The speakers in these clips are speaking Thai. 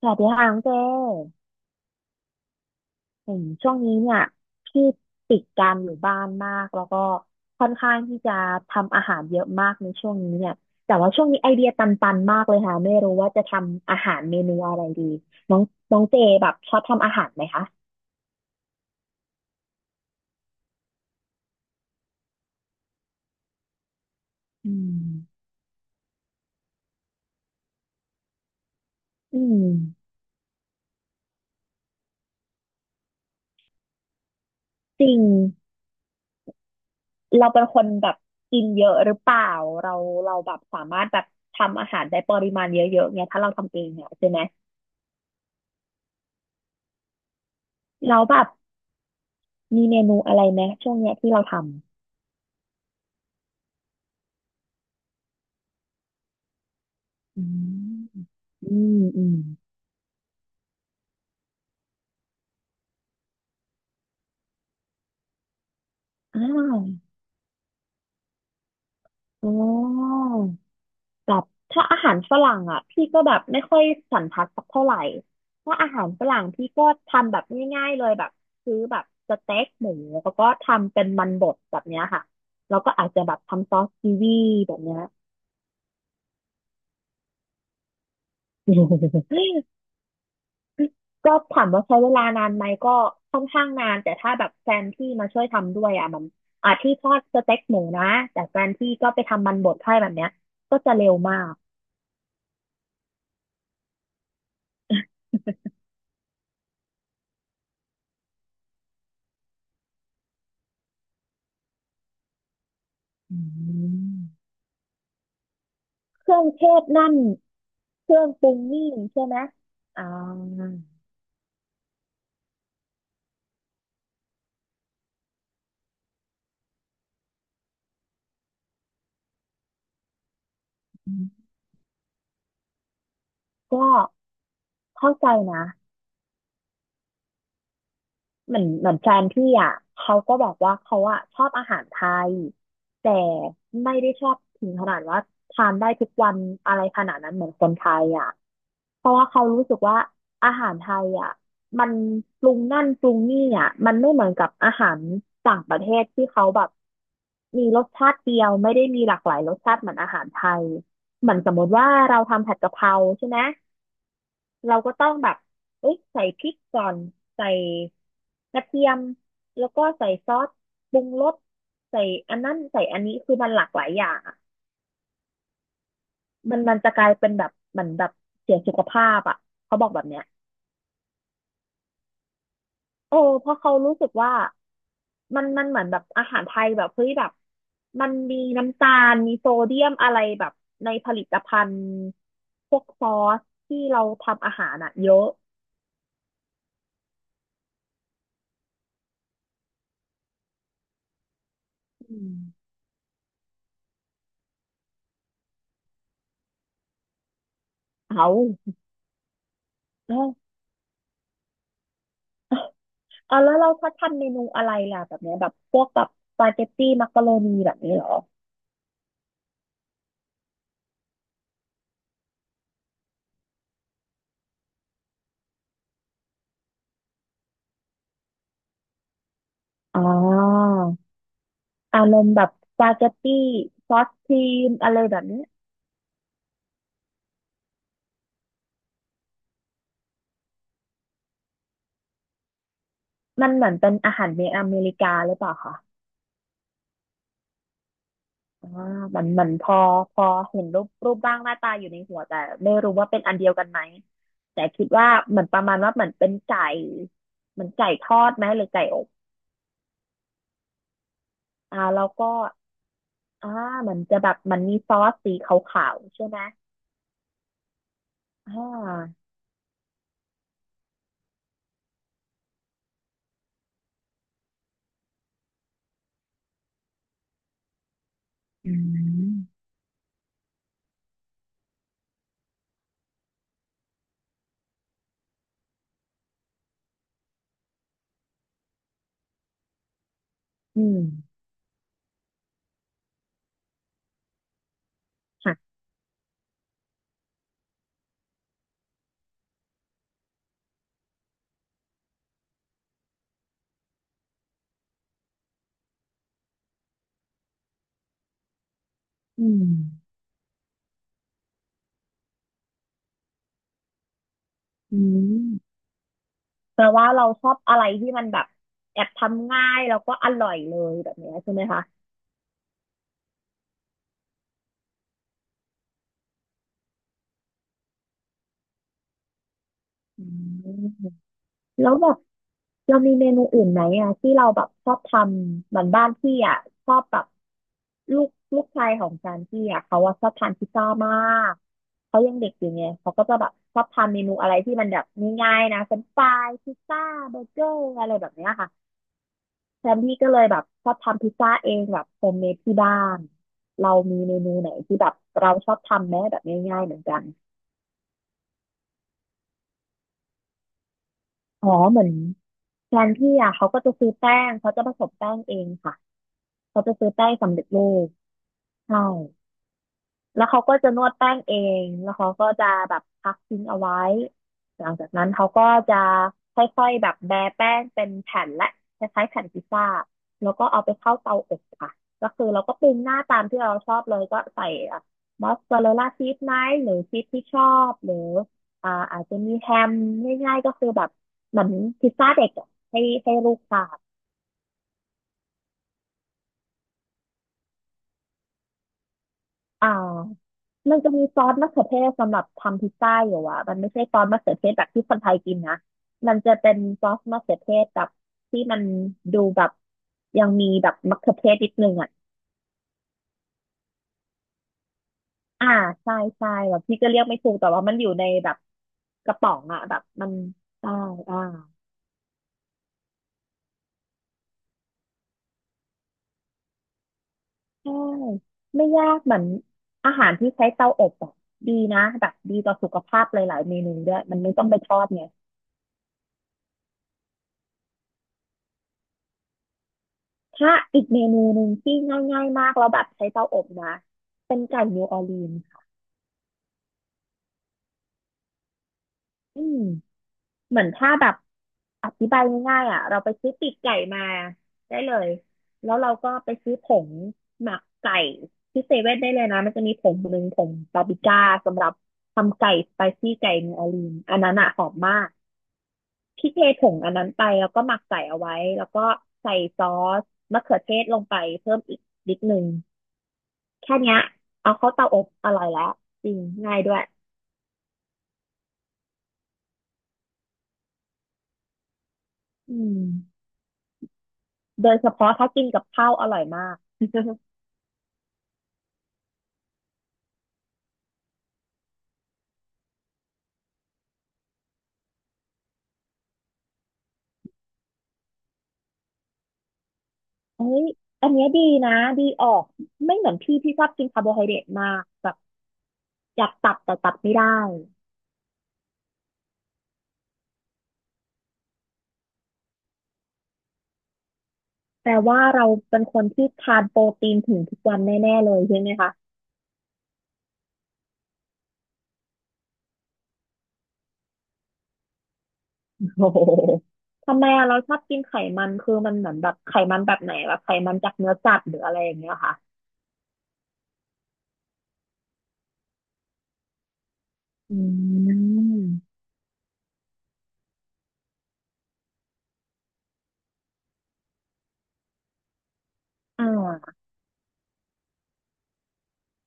สวัสดีค่ะน้องเจเหช่วงนี้เนี่ยพี่ติดการอยู่บ้านมากแล้วก็ค่อนข้างที่จะทำอาหารเยอะมากในช่วงนี้เนี่ยแต่ว่าช่วงนี้ไอเดียตันๆมากเลยค่ะไม่รู้ว่าจะทำอาหารเมนูอะไรดีน้องน้องเจแบบชอบทำอาหารไหมคะอืมอืมจริงเราเป็นคนแบบกินเยอะหรือเปล่าเราเราแบบสามารถแบบทำอาหารได้ปริมาณเยอะๆเนี่ยถ้าเราทำเองเนี่ยใช่ไหมเราแล้วแบบมีเมนูอะไรไหมช่วงเนี้ยที่เราทำ อืมอืมอืมอ่าโอ้แบบถ้าอาหารฝรั่งอ่ะพี่ก็แบบไม่ค่อยสันทัดสักเท่าไหร่ถ้าอาหารฝรั่งพี่ก็ทำแบบง่ายๆเลยแบบซื้อแบบสเต็กหมูแล้วก็ทำเป็นมันบดแบบเนี้ยค่ะ แล้วก็อาจจะแบบทำซอสกีวีแบบเนี้ย ก็ถามว่าใช้เวลานานไหมก็ค่อนข้างนานแต่ถ้าแบบแฟนพี่มาช่วยทำด้วยอ่ะมันอ่ะที่ทอดสเต็กหมูนะแต่แฟนพี่ก็ไปทำมันบดให้แบบเนี้ยก็จะเร็วมากอืมเครื่องเทศนั่นเครื่องปรุงนี่ใช่ไหมอ่าก็เข้าใจนะ เหมือนแฟนพี่อ่ะเขาก็บอกว่าเขาอ่ะชอบอาหารไทยแต่ไม่ได้ชอบถึงขนาดว่าทานได้ทุกวันอะไรขนาดนั้นเหมือนคนไทยอ่ะเพราะว่าเขารู้สึกว่าอาหารไทยอ่ะมันปรุงนั่นปรุงนี่อ่ะมันไม่เหมือนกับอาหารต่างประเทศที่เขาแบบมีรสชาติเดียวไม่ได้มีหลากหลายรสชาติเหมือนอาหารไทยเหมือนสมมติว่าเราทำผัดกะเพราใช่ไหม เราก็ต้องแบบเอะใส่พริกก่อนใส่กระเทียมแล้วก็ใส่ซอสปรุงรสใส่อันนั้นใส่อันนี้คือมันหลากหลายอย่างอะมันจะกลายเป็นแบบเหมือนแบบเสียสุขภาพอ่ะเขาบอกแบบเนี้ยโอ้เพราะเขารู้สึกว่ามันเหมือนแบบอาหารไทยแบบเฮ้ยแบบมันมีน้ำตาลมีโซเดียมอะไรแบบในผลิตภัณฑ์พวกซอสที่เราทำอาหารอ่ะเยอะอืมเอา อ๋อแล้วเราเขาทำเมนูอะไรล่ะแบบเนี้ยแบบพวกแบบสปาเกตตี้มักกะโรนีแบบนี้เหรออ๋ออารมณ์แบบสปาเกตตี้ซอสครีมอะไรแบบนี้มันเหมือนเป็นอาหารในอเมริกาหรือเปล่าคะอ่ามันมันพอเห็นรูปรูปร่างหน้าตาอยู่ในหัวแต่ไม่รู้ว่าเป็นอันเดียวกันไหมแต่คิดว่าเหมือนประมาณว่าเหมือนเป็นไก่เหมือนไก่ทอดไหมหรือไก่อบอ่าแล้วก็อ่ามันจะแบบมันมีซอสสีขาวๆใช่ไหมอ่า อืมอืมค่ะอืมอืมแปลว่าเราชอบอะไรที่มันแบบแอบทำง่ายแล้วก็อร่อยเลยแบบเนี้ยใช่ไหมคะอืมแล้วแบบเรามีเมนูอื่นไหมอ่ะที่เราแบบชอบทำเหมือนบ้านพี่อ่ะชอบแบบลูกลูกชายของจานพี่อ่ะเขาว่าชอบทานพิซซ่ามากเขายังเด็กอยู่ไงเขาก็จะแบบชอบทำเมนูอะไรที่มันแบบง่ายๆนะเฟรนช์ฟรายพิซซ่าเบอร์เกอร์อะไรแบบเนี้ยค่ะ แซมพี่ก็เลยแบบชอบทำพิซซ่าเองแบบโฮมเมดที่บ้าน เรามีเมนูไหนที่แบบเราชอบทำไหมแบบง่ายๆเหมือนกันอ๋อเหมือนแฟนพี่อ่ะเขาก็จะซื้อแป้งเขาจะผสมแป้งเองค่ะเขาจะซื้อแป้งสำเร็จรูปใช่ แล้วเขาก็จะนวดแป้งเอง แล้วเขาก็จะแบบพักทิ้งเอาไว้ หลังจากนั้นเขาก็จะค่อยๆแบบแบะแป้งเป็นแผ่นและคล้ายๆแผ่นพิซซ่าแล้วก็เอาไปเข้าเตาอบค่ะก็คือเราก็ปรุงหน้าตามที่เราชอบเลยก็ใส่มอสซาเรลล่าชีสไหมหรือชีสที่ชอบหรืออ่าอาจจะมีแฮมง่ายๆก็คือแบบเหมือนพิซซ่าเด็กอะให้ให้ลูกทาน อ่ามันจะมีซอสมะเขือเทศสำหรับทำพิซซ่าอยู่อ่ะมันไม่ใช่ซอสมะเขือเทศแบบที่คนไทยกินนะมันจะเป็นซอสมะเขือเทศแบบที่มันดูแบบยังมีแบบมะเขือเทศนิดนึงอ่ะอ่าใช่ใช่แบบพี่ก็เรียกไม่ถูกแต่ว่ามันอยู่ในแบบกระป๋องอ่ะแบบมันใช่อ่าใช่ไม่ยากเหมือนอาหารที่ใช้เตาอบอ่ะดีนะแบบดีต่อสุขภาพหลายๆเมนูด้วยมันไม่ต้องไปทอดไง ถ้าอีกเมนูหนึ่งที่ง่ายๆมากแล้วแบบใช้เตาอบนะเป็นไก่นิวออร์ลีนส์ค่ะอืมเหมือนถ้าแบบอธิบายง่ายๆอ่ะเราไปซื้อปีกไก่มาได้เลยแล้วเราก็ไปซื้อผงหมักไก่ที่เซเว่นได้เลยนะมันจะมีผงหนึ่งผงปาปริก้าสำหรับทำไก่สไปซี่ไก่นิวออร์ลีนส์อันนั้นอ่ะหอมมากพี่เทผงอันนั้นไปแล้วก็หมักใส่เอาไว้แล้วก็ใส่ซอสมะเขือเทศลงไปเพิ่มอีกนิดนึง แค่เนี้ยเอาเข้าเตาอบอร่อยแล้วจริงง่ายด้วยอืมโดยเฉพาะถ้ากินกับข้าวอร่อยมาก เฮ้ยอันเนี้ยดีนะดีออกไม่เหมือนพี่พี่ชอบกินคาร์โบไฮเดรตมากแบบอยากตับแต่ตับไม่ได้แปลว่าเราเป็นคนที่ทานโปรตีนถึงทุกวันแน่ๆเลยใช่ไหมคะโอ้โห ทำไมอะเราชอบกินไขมันคือมันเหมือนแบบไขมันแบบไหนแบบไขมันจากเนื้อสัตว์หรืออะไรอย่างเงี้ยเหรอค่ะอืมอ่า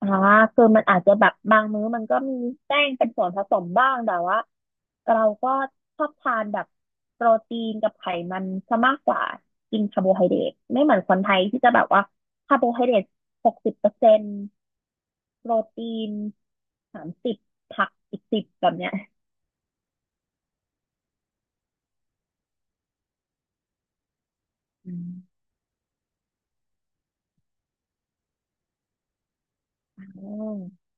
อ่าคือมันอาจจะแบบบางมื้อมันก็มีแป้งเป็นส่วนผสมบ้างแต่ว่าเราก็ชอบทานแบบโปรตีนกับไขมันซะมากกว่ากินคาร์โบไฮเดรตไม่เหมือนคนไทยที่จะแบบว่าคาร์โบไฮเดรต60%โปรตีน30ผักอีกสิบแบบเนี้ยอืมอืม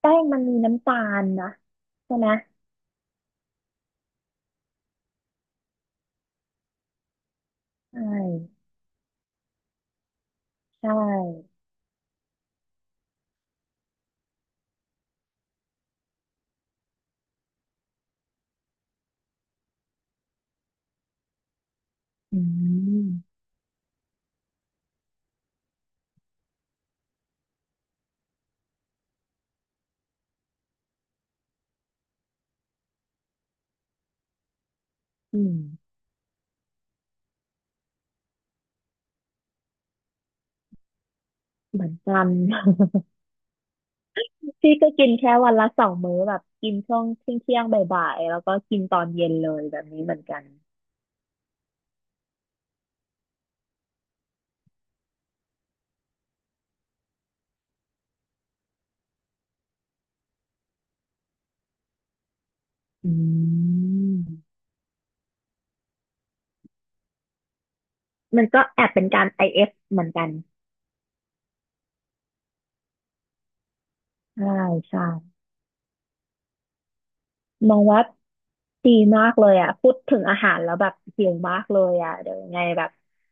แป้งมันมีน้ำตาลนะใช่ไหมใช่ใช่อืมอืมเหมือนกัน พี่ก็กินแค่วันละ2 มื้อแบบกินช่วงเที่ยงเที่ยงบ่ายๆแล้วก็กินตอนเย็นเลยแบบนี้เหมือนกันอืมมันก็แอบเป็นการ IF เอฟเหมือนกันใช่ใช่มองว่าดีมากเลยอ่ะพูดถึงอาหารแล้วแบบหิวมากเลยอ่ะเดี๋ยวยังไงแบบ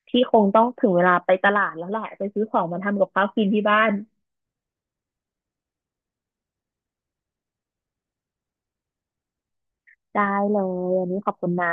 พี่คงต้องถึงเวลาไปตลาดแล้วแหละไปซื้อของมาทำกับข้าวกินที่บ้านได้เลยวันนี้ขอบคุณนะ